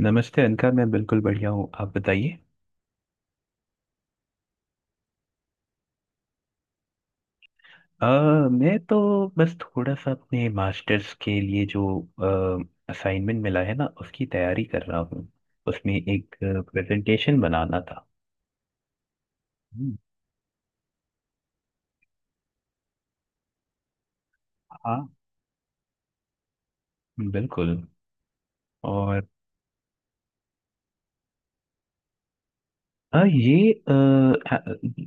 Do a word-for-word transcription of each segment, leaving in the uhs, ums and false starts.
नमस्ते अनका। मैं बिल्कुल बढ़िया हूँ। आप बताइए। अ, मैं तो बस थोड़ा सा अपने मास्टर्स के लिए जो असाइनमेंट मिला है ना उसकी तैयारी कर रहा हूँ। उसमें एक प्रेजेंटेशन बनाना था। हम्म, हाँ बिल्कुल। और हाँ ये अ,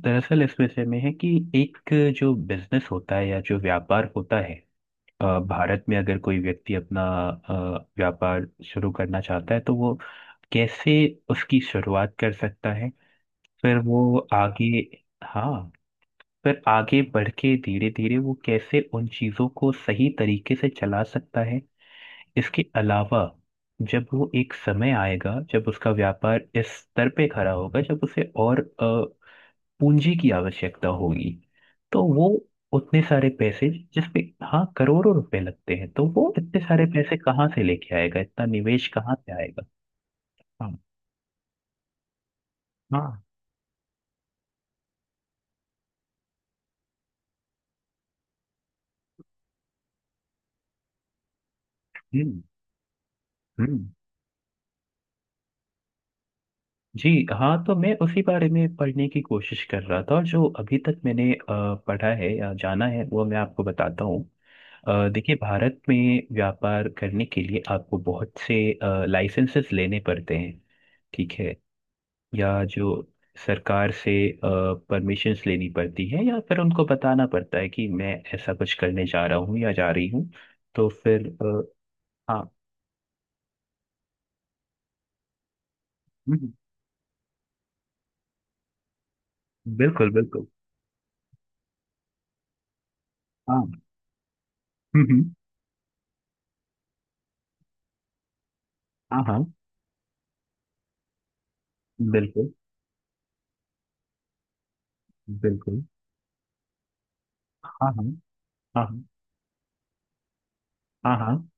दरअसल इस विषय में है कि एक जो बिजनेस होता है या जो व्यापार होता है। अ, भारत में अगर कोई व्यक्ति अपना अ, व्यापार शुरू करना चाहता है तो वो कैसे उसकी शुरुआत कर सकता है। फिर वो आगे हाँ। फिर आगे बढ़ के धीरे धीरे वो कैसे उन चीज़ों को सही तरीके से चला सकता है। इसके अलावा जब वो एक समय आएगा जब उसका व्यापार इस स्तर पे खड़ा होगा जब उसे और पूंजी की आवश्यकता होगी। तो वो उतने सारे पैसे जिसपे हाँ करोड़ों रुपए लगते हैं तो वो इतने सारे पैसे कहाँ से लेके आएगा, इतना निवेश कहाँ से आएगा। हाँ, हाँ, हम्म, हम्म, जी, हाँ, तो मैं उसी बारे में पढ़ने की कोशिश कर रहा था और जो अभी तक मैंने अ, पढ़ा है या जाना है वो मैं आपको बताता हूँ। अ, देखिए भारत में व्यापार करने के लिए आपको बहुत से लाइसेंसेस लेने पड़ते हैं, ठीक है। या जो सरकार से परमिशंस लेनी पड़ती है या फिर उनको बताना पड़ता है कि मैं ऐसा कुछ करने जा रहा हूँ या जा रही हूँ। तो फिर आ, हाँ, हम्म, बिल्कुल, बिल्कुल। हाँ, हम्म, हम्म, हाँ, हाँ, बिल्कुल, बिल्कुल। हाँ, हाँ, हाँ, हाँ, हाँ, हाँ।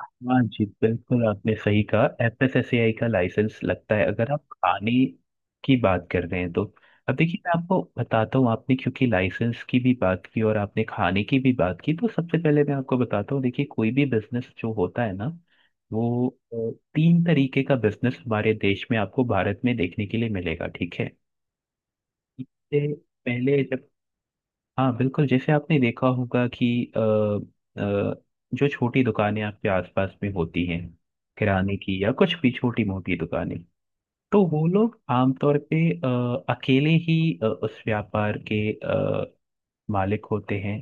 हाँ जी बिल्कुल, आपने सही कहा। एफएसएसएआई का लाइसेंस लगता है अगर आप खाने की बात कर रहे हैं तो। अब देखिए मैं आपको बताता हूँ, आपने क्योंकि लाइसेंस की भी बात की और आपने खाने की भी बात की तो सबसे पहले मैं आपको बताता हूँ। देखिए कोई भी बिजनेस जो होता है ना वो अ, तीन तरीके का बिजनेस हमारे देश में आपको भारत में देखने के लिए मिलेगा, ठीक है। इससे पहले जब हाँ बिल्कुल। जैसे आपने देखा होगा कि अ, अ, जो छोटी दुकानें आपके आसपास में होती हैं, किराने की या कुछ भी छोटी मोटी दुकानें। तो वो लोग आमतौर पे अ, अकेले ही अ, उस व्यापार के अ, मालिक होते हैं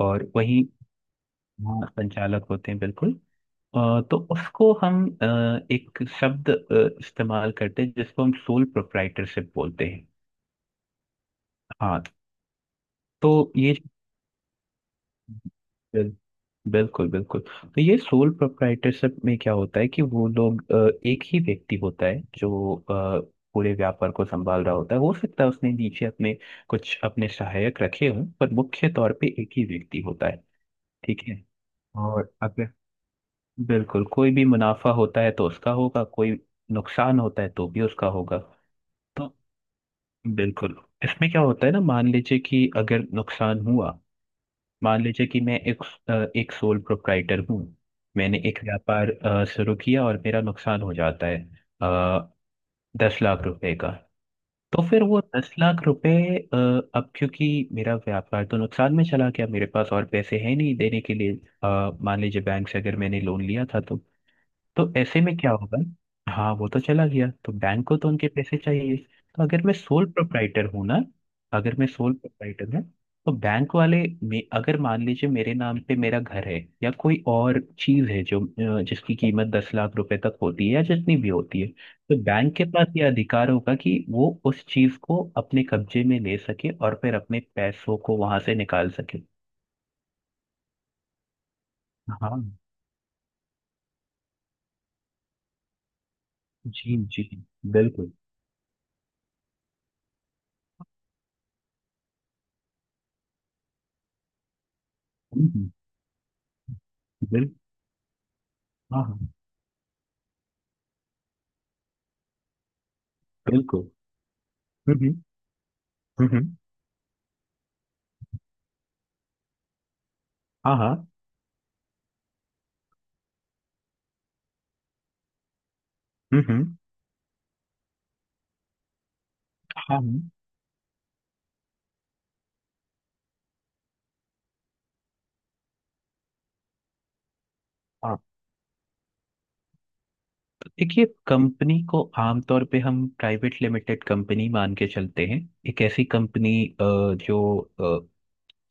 और वही वहाँ संचालक होते हैं, बिल्कुल। अ, तो उसको हम अ, एक शब्द अ, इस्तेमाल करते हैं जिसको हम सोल प्रोप्राइटरशिप बोलते हैं। हाँ। तो ये बिल- बिल्कुल, बिल्कुल। तो ये सोल प्रोप्राइटरशिप में क्या होता है कि वो लोग अ, एक ही व्यक्ति होता है जो अ, पूरे व्यापार को संभाल रहा होता है। हो सकता है उसने नीचे अपने कुछ अपने सहायक रखे हों पर मुख्य तौर पे एक ही व्यक्ति होता है, ठीक है। और अगर बिल्कुल कोई भी मुनाफा होता है तो उसका होगा, कोई नुकसान होता है तो भी उसका होगा। तो बिल्कुल इसमें क्या होता है ना, मान लीजिए कि अगर नुकसान हुआ। मान लीजिए कि मैं एक अ, एक सोल प्रोप्राइटर हूँ। मैंने एक व्यापार अ, शुरू किया और मेरा नुकसान हो जाता है अ, दस लाख रुपए का। तो फिर वो दस लाख रुपए अ, अब क्योंकि मेरा व्यापार तो नुकसान में चला गया, मेरे पास और पैसे हैं नहीं देने के लिए। अ, मान लीजिए बैंक से अगर मैंने लोन लिया था। तो तो ऐसे में क्या होगा। हाँ वो तो चला गया तो बैंक को तो उनके पैसे चाहिए। तो अगर मैं सोल प्रोप्राइटर हूँ ना, अगर मैं सोल प्रोप्राइटर हूँ तो बैंक वाले मे, अगर मान लीजिए मेरे नाम पे मेरा घर है या कोई और चीज है जो अ, जिसकी कीमत दस लाख रुपए तक होती है या जितनी भी होती है, तो बैंक के पास ये अधिकार होगा कि वो उस चीज को अपने कब्जे में ले सके और फिर अपने पैसों को वहां से निकाल सके। हाँ, जी, जी, बिल्कुल, हम्म, हम्म, बिल हाँ, हाँ, बिल्कुल, हम्म, हम्म, हम्म, हाँ, हाँ, हम्म, हम्म, हाँ, हम्म, हाँ देखिए कंपनी को आमतौर पे हम प्राइवेट लिमिटेड कंपनी मान के चलते हैं। एक ऐसी कंपनी जो अ,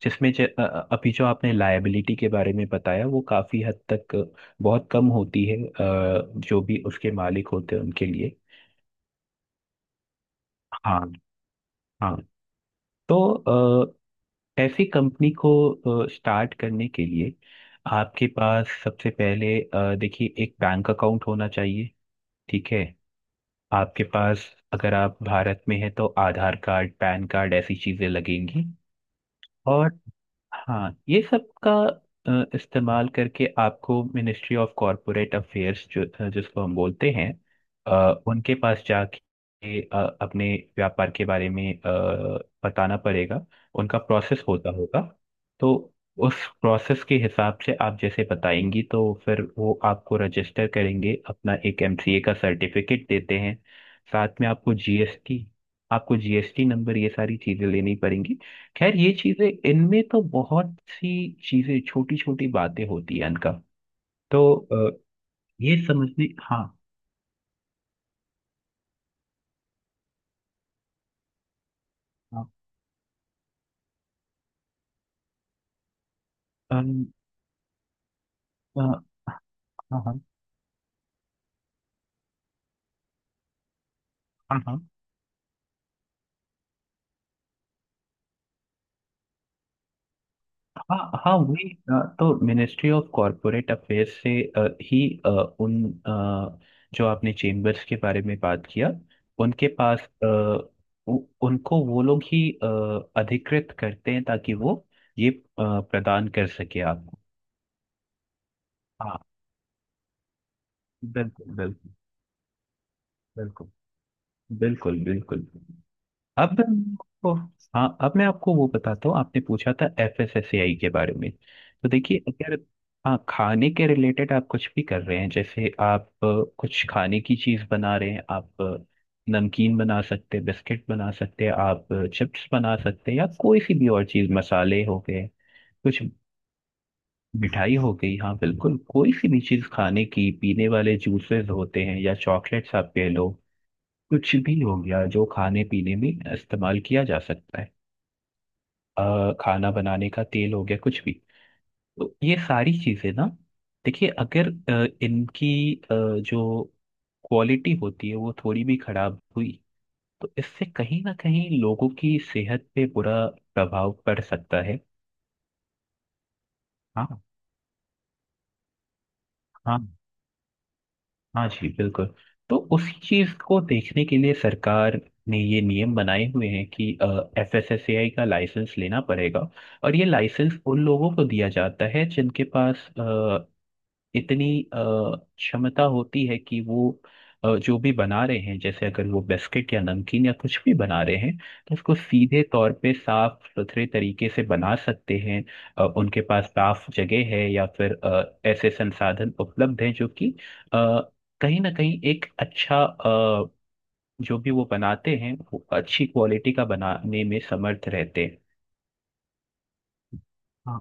जिसमें ज, अ, अ, अभी जो आपने लायबिलिटी के बारे में बताया वो काफी हद तक बहुत कम होती है, अ, जो भी उसके मालिक होते हैं उनके लिए। हाँ, हाँ। तो अ, ऐसी कंपनी को स्टार्ट करने के लिए आपके पास सबसे पहले अ, देखिए एक बैंक अकाउंट होना चाहिए, ठीक है। आपके पास अगर आप भारत में हैं तो आधार कार्ड, पैन कार्ड ऐसी चीजें लगेंगी। और हाँ ये सब का अ, इस्तेमाल करके आपको मिनिस्ट्री ऑफ कॉरपोरेट अफेयर्स जो अ, जिसको हम बोलते हैं अ, उनके पास जाके अ, अपने व्यापार के बारे में अ, बताना पड़ेगा। उनका प्रोसेस होता होगा। तो उस प्रोसेस के हिसाब से आप जैसे बताएंगी तो फिर वो आपको रजिस्टर करेंगे, अपना एक एमसीए का सर्टिफिकेट देते हैं। साथ में आपको जीएसटी आपको जीएसटी नंबर, ये सारी चीज़ें लेनी पड़ेंगी। खैर ये चीजें, इनमें तो बहुत सी चीजें छोटी छोटी बातें होती हैं इनका। तो अ, ये समझने हाँ, हाँ, अम, अ, हाँ, हाँ, हाँ, हाँ, हाँ, हाँ, वही अ, तो मिनिस्ट्री ऑफ कॉरपोरेट अफेयर्स से अ, ही अ, उन अ, जो आपने चेम्बर्स के बारे में बात किया उनके पास अ, उ- उनको वो लोग ही अ, अधिकृत करते हैं ताकि वो ये अ, प्रदान कर सके आपको। हाँ बिल्कुल, बिल्कुल, बिल्कुल, बिल्कुल, बिल्कुल। अब मैं आपको हाँ, अब मैं आपको वो बताता हूँ, आपने पूछा था एफएसएसएआई के बारे में। तो देखिए अगर हाँ, खाने के रिलेटेड आप कुछ भी कर रहे हैं, जैसे आप अ, कुछ खाने की चीज बना रहे हैं, आप अ, नमकीन बना सकते हैं, बिस्किट बना सकते हैं, आप चिप्स बना सकते हैं, या कोई सी भी और चीज, मसाले हो गए, कुछ मिठाई हो गई। हाँ बिल्कुल, कोई सी भी चीज खाने की, पीने वाले जूसेस होते हैं या चॉकलेट्स आप ले लो। कुछ भी हो गया जो खाने पीने में इस्तेमाल किया जा सकता है। अ, खाना बनाने का तेल हो गया, कुछ भी। तो ये सारी चीजें ना, देखिए अगर अ, इनकी अ, जो क्वालिटी होती है वो थोड़ी भी खराब हुई तो इससे कहीं ना कहीं लोगों की सेहत पे बुरा प्रभाव पड़ सकता है। हाँ, हाँ, हाँ जी बिल्कुल। तो उसी चीज को देखने के लिए सरकार ने ये नियम बनाए हुए हैं कि F S S A I का लाइसेंस लेना पड़ेगा। और ये लाइसेंस उन लोगों को दिया जाता है जिनके पास इतनी अ, क्षमता होती है कि वो अ, जो भी बना रहे हैं, जैसे अगर वो बिस्किट या नमकीन या कुछ भी बना रहे हैं तो उसको सीधे तौर पे साफ सुथरे तरीके से बना सकते हैं। अ, उनके पास साफ जगह है या फिर अ, ऐसे संसाधन उपलब्ध हैं जो कि अ, कहीं ना कहीं एक अच्छा अ, जो भी वो बनाते हैं वो अच्छी क्वालिटी का बनाने में समर्थ रहते हैं। हाँ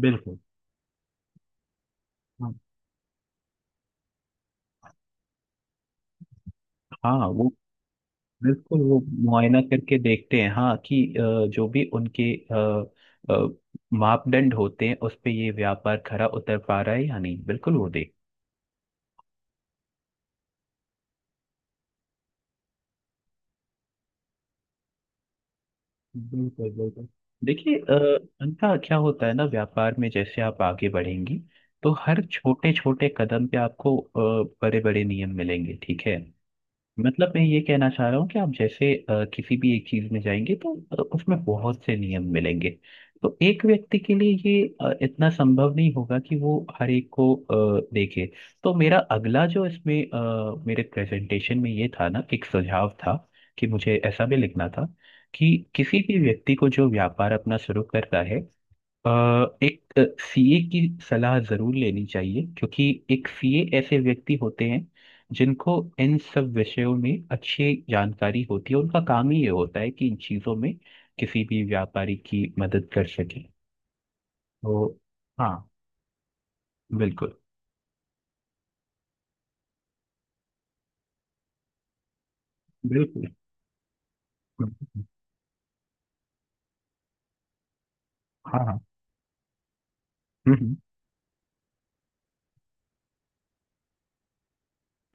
बिल्कुल, हाँ, हाँ। वो बिल्कुल, वो मुआयना करके देखते हैं, हाँ कि अ, जो भी उनके अ, अ, मापदंड होते हैं उस पे ये व्यापार खरा उतर पा रहा है या नहीं, बिल्कुल। वो देख बिल्कुल, बिल्कुल। देखिए अ, अनका क्या होता है ना, व्यापार में जैसे आप आगे बढ़ेंगी तो हर छोटे छोटे कदम पे आपको बड़े बड़े नियम मिलेंगे, ठीक है। मतलब मैं ये कहना चाह रहा हूँ कि आप जैसे अ, किसी भी एक चीज में जाएंगे तो अ, उसमें बहुत से नियम मिलेंगे। तो एक व्यक्ति के लिए ये अ, इतना संभव नहीं होगा कि वो हर एक को अ, देखे। तो मेरा अगला जो इसमें अ, मेरे प्रेजेंटेशन में ये था ना, एक सुझाव था कि मुझे ऐसा भी लिखना था कि किसी भी व्यक्ति को जो व्यापार अपना शुरू करता है अ, एक सीए की सलाह जरूर लेनी चाहिए, क्योंकि एक सीए ऐसे व्यक्ति होते हैं जिनको इन सब विषयों में अच्छी जानकारी होती है, उनका काम ही ये होता है कि इन चीजों में किसी भी व्यापारी की मदद कर सके। तो हाँ बिल्कुल, बिल्कुल, हाँ, हाँ, हम्म,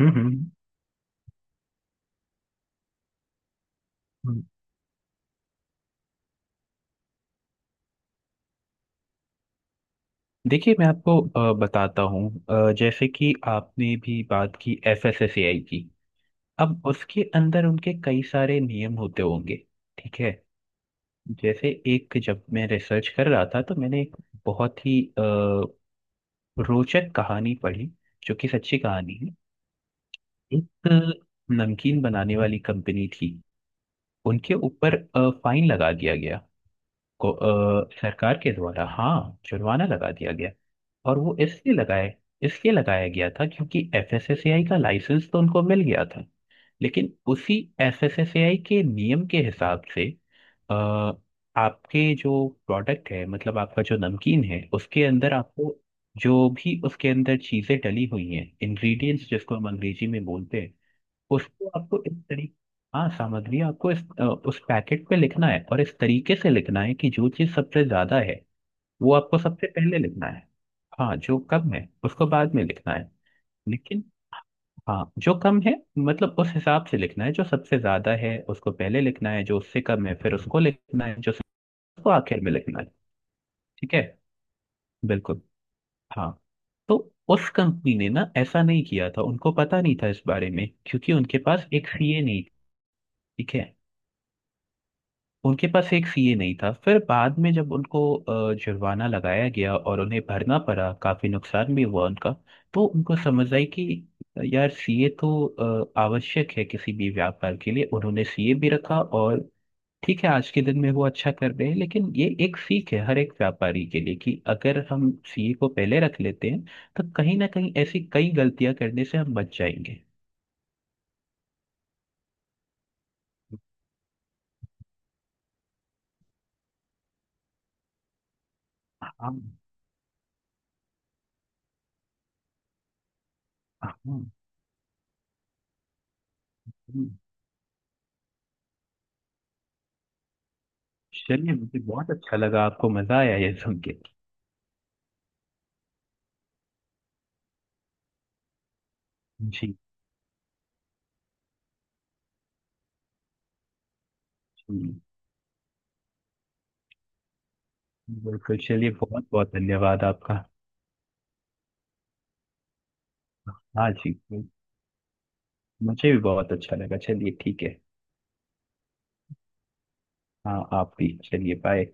हम्म, हम्म, हम्म। हम्म। देखिए मैं आपको अ, बताता हूँ अ, जैसे कि आपने भी बात की एफएसएसएआई की। अब उसके अंदर उनके कई सारे नियम होते होंगे, ठीक है। जैसे एक जब मैं रिसर्च कर रहा था तो मैंने एक बहुत ही अ, रोचक कहानी पढ़ी, जो कि सच्ची कहानी है। एक नमकीन बनाने वाली कंपनी थी। उनके ऊपर फाइन लगा दिया गया, को अ, सरकार के द्वारा, हाँ जुर्माना लगा दिया गया। और वो इसलिए लगाए इसलिए लगाया गया था क्योंकि एफएसएसएआई का लाइसेंस तो उनको मिल गया था। लेकिन उसी एफएसएसएआई के नियम के हिसाब से अ, आपके जो प्रोडक्ट है, मतलब आपका जो नमकीन है उसके अंदर आपको जो भी उसके अंदर चीजें डली हुई हैं, इंग्रेडिएंट्स जिसको हम अंग्रेजी में बोलते हैं। उसको आपको इस तरीके हाँ, सामग्री आपको इस अ, उस पैकेट पे लिखना है, और इस तरीके से लिखना है कि जो चीज सबसे ज्यादा है वो आपको सबसे पहले लिखना है। हाँ, जो कम है उसको बाद में लिखना है। लेकिन हाँ, जो कम है मतलब उस हिसाब से लिखना है, जो सबसे ज्यादा है उसको पहले लिखना है, जो उससे कम है फिर उसको लिखना है, जो उसको आखिर में लिखना है, ठीक है, बिल्कुल। हाँ। तो उस कंपनी ने ना ऐसा नहीं किया था, उनको पता नहीं था इस बारे में क्योंकि उनके पास एक सीए नहीं थी, ठीक है। उनके पास एक सीए नहीं था, फिर बाद में जब उनको अ, जुर्माना लगाया गया और उन्हें भरना पड़ा, काफी नुकसान भी हुआ उनका। तो उनको समझ आई कि यार सीए तो अ, आवश्यक है किसी भी व्यापार के लिए, उन्होंने सीए भी रखा और ठीक है, आज के दिन में वो अच्छा कर रहे हैं, लेकिन ये एक सीख है हर एक व्यापारी के लिए कि अगर हम सीए को पहले रख लेते हैं तो कहीं ना कहीं ऐसी कई गलतियां करने से हम बच जाएंगे। हाँ, हाँ, हम्म। चलिए मुझे बहुत अच्छा लगा आपको मजा आया ये सुन के। जी, जी, बिल्कुल, चलिए बहुत बहुत धन्यवाद आपका। हाँ जी, मुझे भी बहुत अच्छा लगा, चलिए ठीक है। हाँ, आप भी, चलिए बाय।